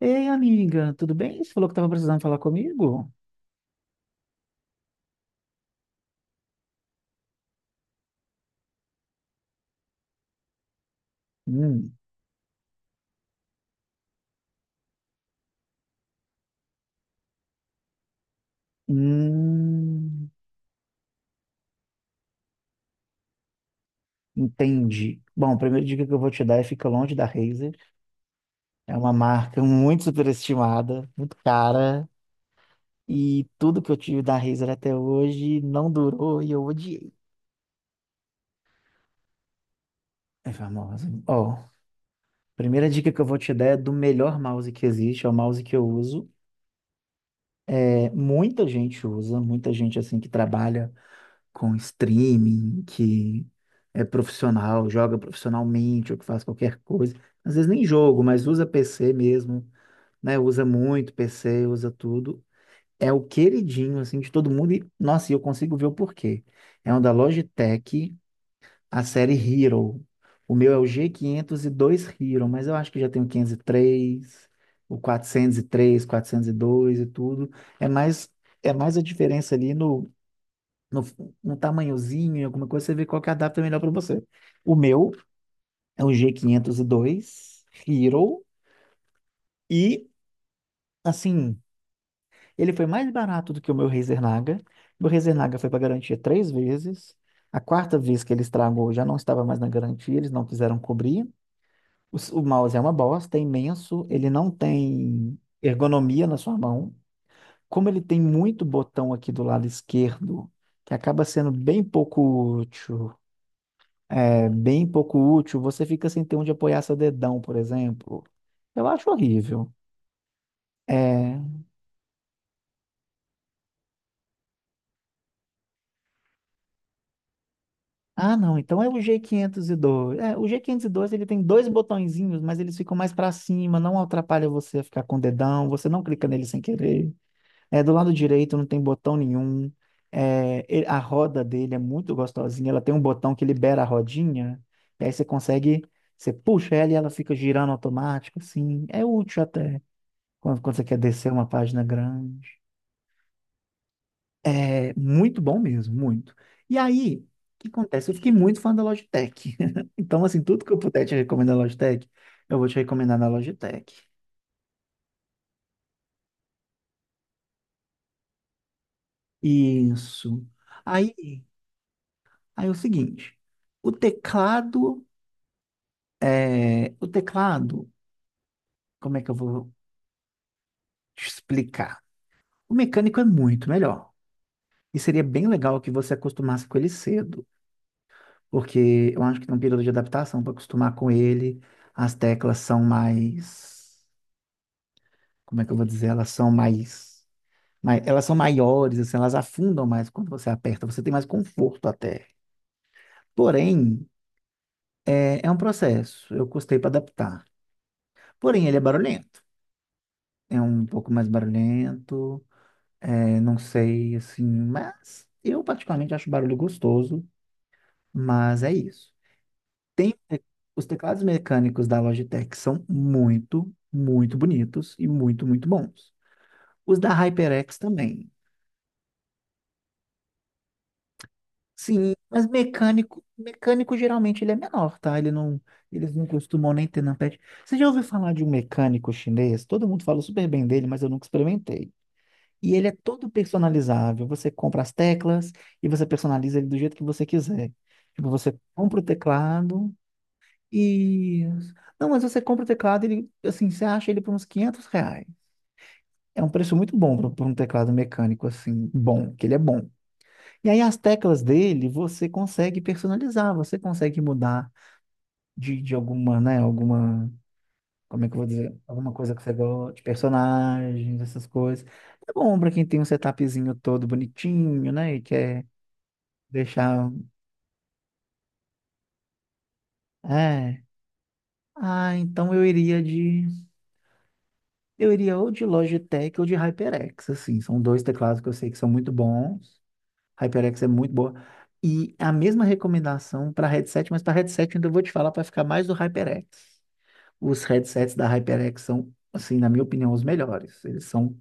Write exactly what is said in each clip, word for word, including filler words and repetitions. Ei, amiga, tudo bem? Você falou que estava precisando falar comigo? Hum. Hum. Entendi. Bom, a primeira dica que eu vou te dar é fica longe da Razer. É uma marca muito superestimada, muito cara, e tudo que eu tive da Razer até hoje não durou e eu odiei. É famosa. Ó, primeira dica que eu vou te dar é do melhor mouse que existe, é o mouse que eu uso. É, muita gente usa, muita gente assim que trabalha com streaming, que é profissional, joga profissionalmente ou que faz qualquer coisa. Às vezes nem jogo, mas usa P C mesmo, né? Usa muito P C, usa tudo. É o queridinho, assim, de todo mundo. E, nossa, e eu consigo ver o porquê. É um da Logitech, a série Hero. O meu é o g quinhentos e dois Hero, mas eu acho que já tem o quinhentos e três o quatrocentos e três, quatrocentos e dois e tudo. É mais, é mais a diferença ali no no, no tamanhozinho, em alguma coisa, você vê qual que adapta melhor para você. O meu é o G quinhentos e dois Hero e, assim, ele foi mais barato do que o meu Razer Naga. Meu Razer Naga foi para garantia três vezes. A quarta vez que ele estragou já não estava mais na garantia, eles não quiseram cobrir. O, s- o mouse é uma bosta, é imenso, ele não tem ergonomia na sua mão. Como ele tem muito botão aqui do lado esquerdo, que acaba sendo bem pouco útil é bem pouco útil, você fica sem ter onde apoiar seu dedão, por exemplo. Eu acho horrível. É... Ah, não, então é o g quinhentos e dois. É, o g quinhentos e dois ele tem dois botõezinhos, mas eles ficam mais para cima, não atrapalha você a ficar com o dedão, você não clica nele sem querer. É, do lado direito não tem botão nenhum. É, ele- a roda dele é muito gostosinha, ela tem um botão que libera a rodinha, e aí você consegue, você puxa ela e ela fica girando automático, assim, é útil até quando, quando você quer descer uma página grande. É muito bom mesmo, muito. E aí, o que acontece? Eu fiquei muito fã da Logitech. Então, assim, tudo que eu puder te recomendar na Logitech, eu vou te recomendar na Logitech. Isso. Aí, aí é o seguinte, o teclado, é, o teclado, como é que eu vou te explicar? O mecânico é muito melhor. E seria bem legal que você acostumasse com ele cedo. Porque eu acho que num período de adaptação, para acostumar com ele, as teclas são mais, como é que eu vou dizer? Elas são mais, mai- elas são maiores, assim, elas afundam mais quando você aperta, você tem mais conforto até. Porém, é, é um processo, eu custei para adaptar. Porém, ele é barulhento, é um pouco mais barulhento, é, não sei, assim, mas eu particularmente acho barulho gostoso, mas é isso. Tem te- os teclados mecânicos da Logitech são muito, muito bonitos e muito, muito bons. Os da HyperX também. Sim, mas mecânico, mecânico geralmente ele é menor, tá? Ele não, eles não costumam nem ter numpad. Você já ouviu falar de um mecânico chinês? Todo mundo fala super bem dele, mas eu nunca experimentei. E ele é todo personalizável. Você compra as teclas e você personaliza ele do jeito que você quiser. Tipo, você compra o teclado. Isso. Não, mas você compra o teclado, ele, assim, você acha ele por uns quinhentos reais. É um preço muito bom para para um teclado mecânico, assim, bom, que ele é bom. E aí as teclas dele você consegue personalizar, você consegue mudar de, de alguma, né, alguma, como é que eu vou dizer, alguma coisa que você gosta, de personagens, essas coisas. É bom para quem tem um setupzinho todo bonitinho, né, e quer deixar, é. Ah, então eu iria de Eu iria ou de Logitech ou de HyperX, assim. São dois teclados que eu sei que são muito bons. HyperX é muito boa. E a mesma recomendação para headset, mas para headset ainda vou te falar para ficar mais do HyperX. Os headsets da HyperX são, assim, na minha opinião, os melhores. Eles são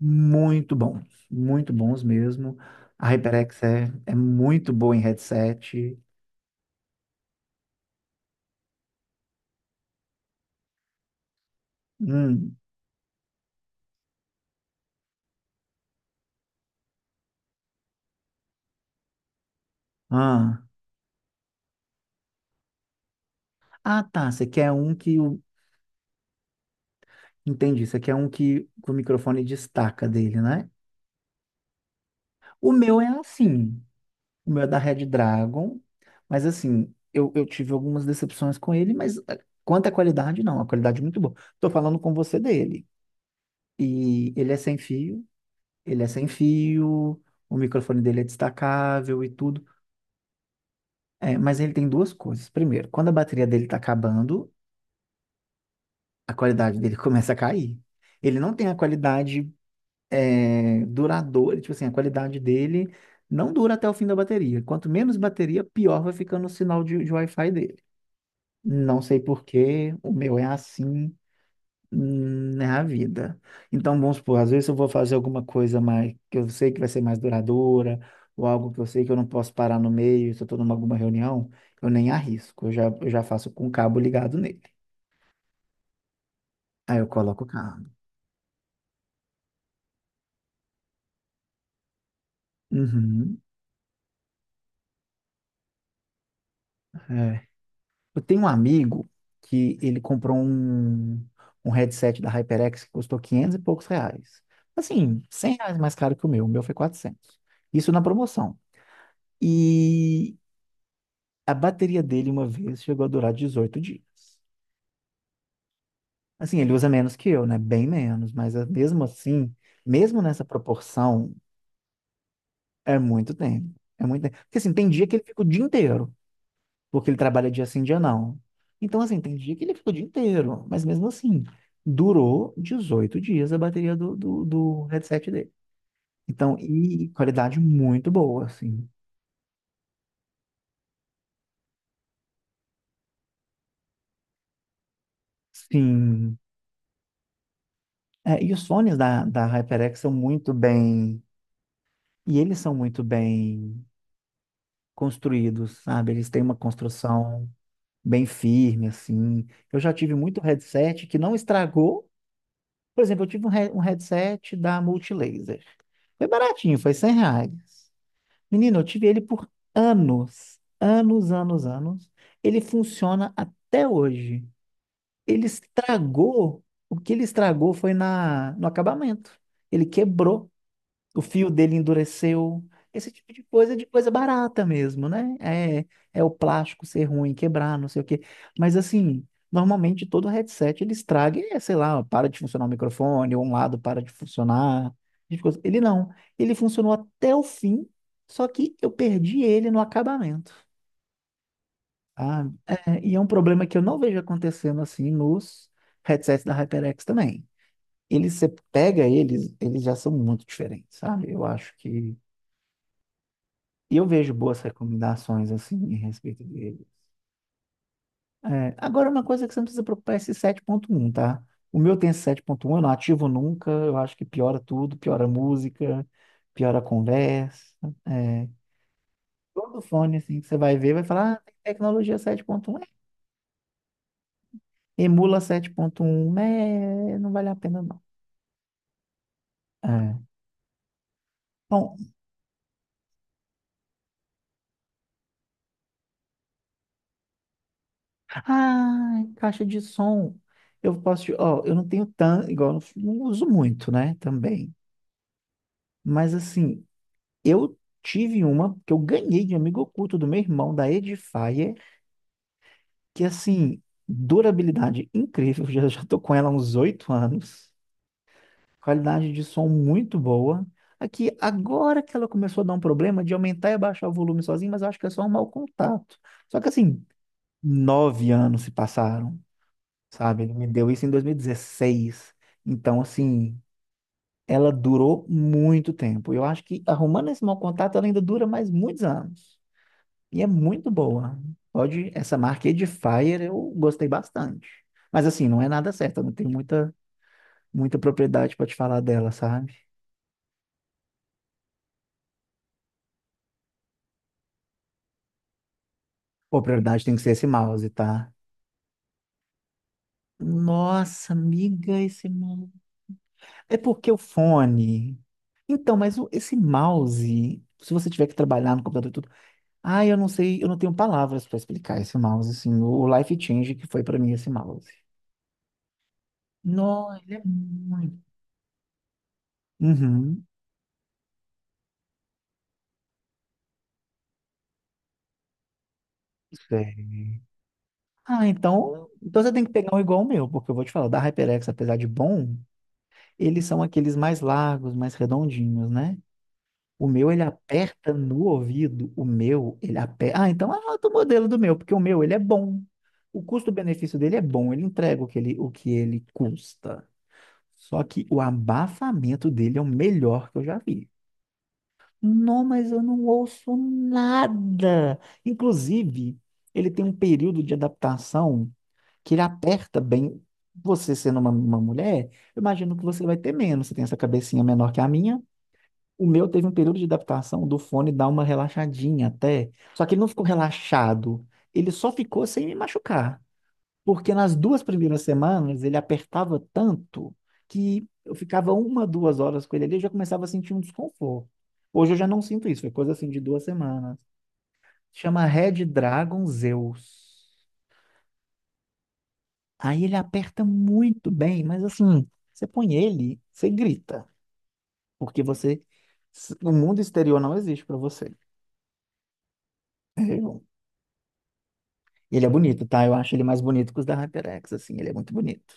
muito bons, muito bons mesmo. A HyperX é, é muito boa em headset. Hum. Ah. Ah, tá. Você quer um que o. Entendi. Você quer um que, que o microfone destaca dele, né? O meu é assim. O meu é da Red Dragon. Mas assim, eu, eu tive algumas decepções com ele, mas eh, quanto à qualidade, não. A qualidade é muito boa. Tô falando com você dele. E ele é sem fio, ele é sem fio, o microfone dele é destacável e tudo. É, mas ele tem duas coisas. Primeiro, quando a bateria dele tá acabando, a qualidade dele começa a cair. Ele não tem a qualidade é, duradouro, tipo assim, a qualidade dele não dura até o fim da bateria. Quanto menos bateria, pior vai ficando o sinal de, de Wi-Fi dele. Não sei por quê, o meu é assim, hum, é a vida. Então, vamos supor, às vezes eu vou fazer alguma coisa mais que eu sei que vai ser mais duradoura, ou algo que eu sei que eu não posso parar no meio, se eu estou numa alguma reunião, eu nem arrisco, eu já, eu já faço com o cabo ligado nele. Aí eu coloco o cabo. Uhum, é. Eu tenho um amigo que ele comprou um, um headset da HyperX que custou quinhentos e poucos reais. Assim, cem reais mais caro que o meu. O meu foi quatrocentos. Isso na promoção. E a bateria dele, uma vez, chegou a durar dezoito dias. Assim, ele usa menos que eu, né? Bem menos. Mas eh, mesmo assim, mesmo nessa proporção, é muito tempo. É muito tempo. Porque assim, tem dia que ele fica o dia inteiro. Porque ele trabalha dia sim, dia não. Então, assim, tem dia que ele ficou o dia inteiro, mas mesmo assim, durou dezoito dias a bateria do, do, do headset dele. Então, e qualidade muito boa, assim. Sim. É, e os fones da, da HyperX são muito bem. E eles são muito bem construídos, sabe? Eles têm uma construção bem firme, assim. Eu já tive muito headset que não estragou. Por exemplo, eu tive um, he- um headset da Multilaser. Foi baratinho, foi cem reais. Menino, eu tive ele por anos, anos, anos, anos. Ele funciona até hoje. Ele estragou, o que ele estragou foi na, no acabamento. Ele quebrou o fio dele endureceu. Esse tipo de coisa, de coisa barata mesmo, né? É, é o plástico ser ruim, quebrar, não sei o quê. Mas assim, normalmente todo headset ele estraga, e, é, sei lá, para de funcionar o microfone, ou um lado para de funcionar. Tipo coisa. Ele não. Ele funcionou até o fim, só que eu perdi ele no acabamento. Ah, é, e é um problema que eu não vejo acontecendo assim nos headsets da HyperX também. Eles, você pega eles, eles já são muito diferentes, sabe? Eu acho que E eu vejo boas recomendações, assim, em respeito dele. É, agora, uma coisa que você não precisa preocupar é esse sete ponto um, tá? O meu tem esse sete ponto um, eu não ativo nunca, eu acho que piora tudo, piora a música, piora a conversa. É, todo fone, assim, que você vai ver, vai falar, ah, tem tecnologia sete ponto um, é, emula sete ponto um, é, não vale a pena, não. É. Bom, ah, caixa de som. Eu posso, te- ó, eu não tenho tanto, igual, eu não, não uso muito, né, também. Mas, assim, eu tive uma que eu ganhei de amigo oculto do meu irmão, da Edifier, que assim, durabilidade incrível, já, já tô com ela há uns oito anos, qualidade de som muito boa. Aqui, agora que ela começou a dar um problema de aumentar e abaixar o volume sozinho, mas eu acho que é só um mau contato. Só que assim, nove anos se passaram, sabe? Ele me deu isso em dois mil e dezesseis. Então, assim, ela durou muito tempo. Eu acho que arrumando esse mau contato, ela ainda dura mais muitos anos. E é muito boa. Pode, essa marca Edifier eu gostei bastante. Mas assim, não é nada certo, eu não tenho muita, muita propriedade para te falar dela, sabe? Pô, prioridade tem que ser esse mouse, tá? Nossa, amiga, esse mouse. É porque o fone. Então, mas o- esse mouse, se você tiver que trabalhar no computador e tudo. Ah, eu não sei, eu não tenho palavras para explicar esse mouse, assim, o life change que foi para mim esse mouse. Nossa, ele é muito. Uhum. Ah, então, então você tem que pegar um igual o meu, porque eu vou te falar, o da HyperX, apesar de bom, eles são aqueles mais largos, mais redondinhos, né? O meu, ele aperta no ouvido, o meu, ele aperta. Ah, então anota o modelo do meu, porque o meu, ele é bom. O custo-benefício dele é bom, ele entrega o que ele, o que ele custa. Só que o abafamento dele é o melhor que eu já vi. Não, mas eu não ouço nada. Inclusive, ele tem um período de adaptação que ele aperta bem. Você sendo uma, uma mulher, eu imagino que você vai ter menos. Você tem essa cabecinha menor que a minha. O meu teve um período de adaptação do fone dar uma relaxadinha até. Só que ele não ficou relaxado. Ele só ficou sem me machucar. Porque nas duas primeiras semanas ele apertava tanto que eu ficava uma, duas horas com ele ali e já começava a sentir um desconforto. Hoje eu já não sinto isso. É coisa assim de duas semanas. Chama Red Dragon Zeus. Aí ele aperta muito bem, mas assim, você põe ele, você grita, porque você, o mundo exterior não existe para você. Eu- Ele é bonito, tá? Eu acho ele mais bonito que os da HyperX, assim, ele é muito bonito.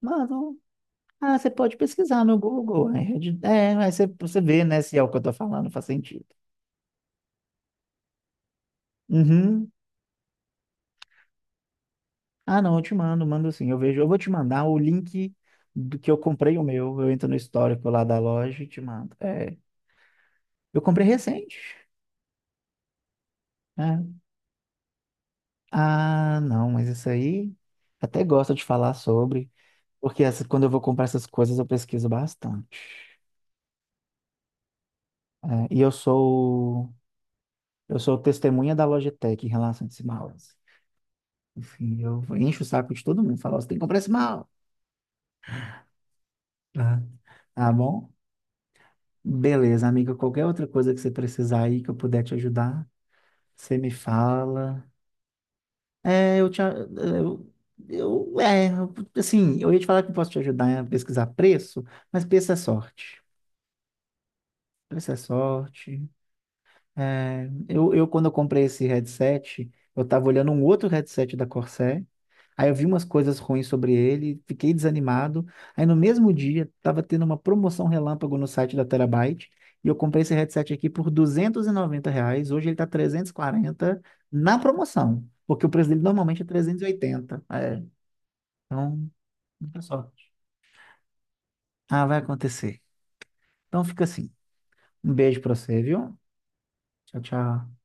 Mano, ah, você pode pesquisar no Google, né? É, aí você, você vê, né, se é o que eu tô falando, faz sentido. Uhum. Ah, não, eu te mando, mando sim, eu vejo, eu vou te mandar o link do que eu comprei o meu, eu entro no histórico lá da loja e te mando. É, eu comprei recente. Né? Ah, não, mas isso aí até gosto de falar sobre, porque essa- quando eu vou comprar essas coisas eu pesquiso bastante. É, e eu sou eu sou testemunha da Logitech em relação a esse mouse. Enfim, eu encho o saco de todo mundo, falo, você tem que comprar esse mal. Ah, tá bom? Beleza, amiga, qualquer outra coisa que você precisar aí que eu puder te ajudar, você me fala. É, eu te a- eu, eu é, assim, eu ia te falar que eu posso te ajudar a pesquisar preço, mas preço é sorte. Essa é sorte. É, eu, eu, quando eu comprei esse headset, eu tava olhando um outro headset da Corsair. Aí eu vi umas coisas ruins sobre ele, fiquei desanimado. Aí no mesmo dia, tava tendo uma promoção relâmpago no site da Terabyte. E eu comprei esse headset aqui por duzentos e noventa reais. Hoje ele tá trezentos e quarenta na promoção. Porque o preço dele normalmente é trezentos e oitenta. É, então, muita sorte. Ah, vai acontecer. Então fica assim. Um beijo pra você, viu? Tchau, tchau.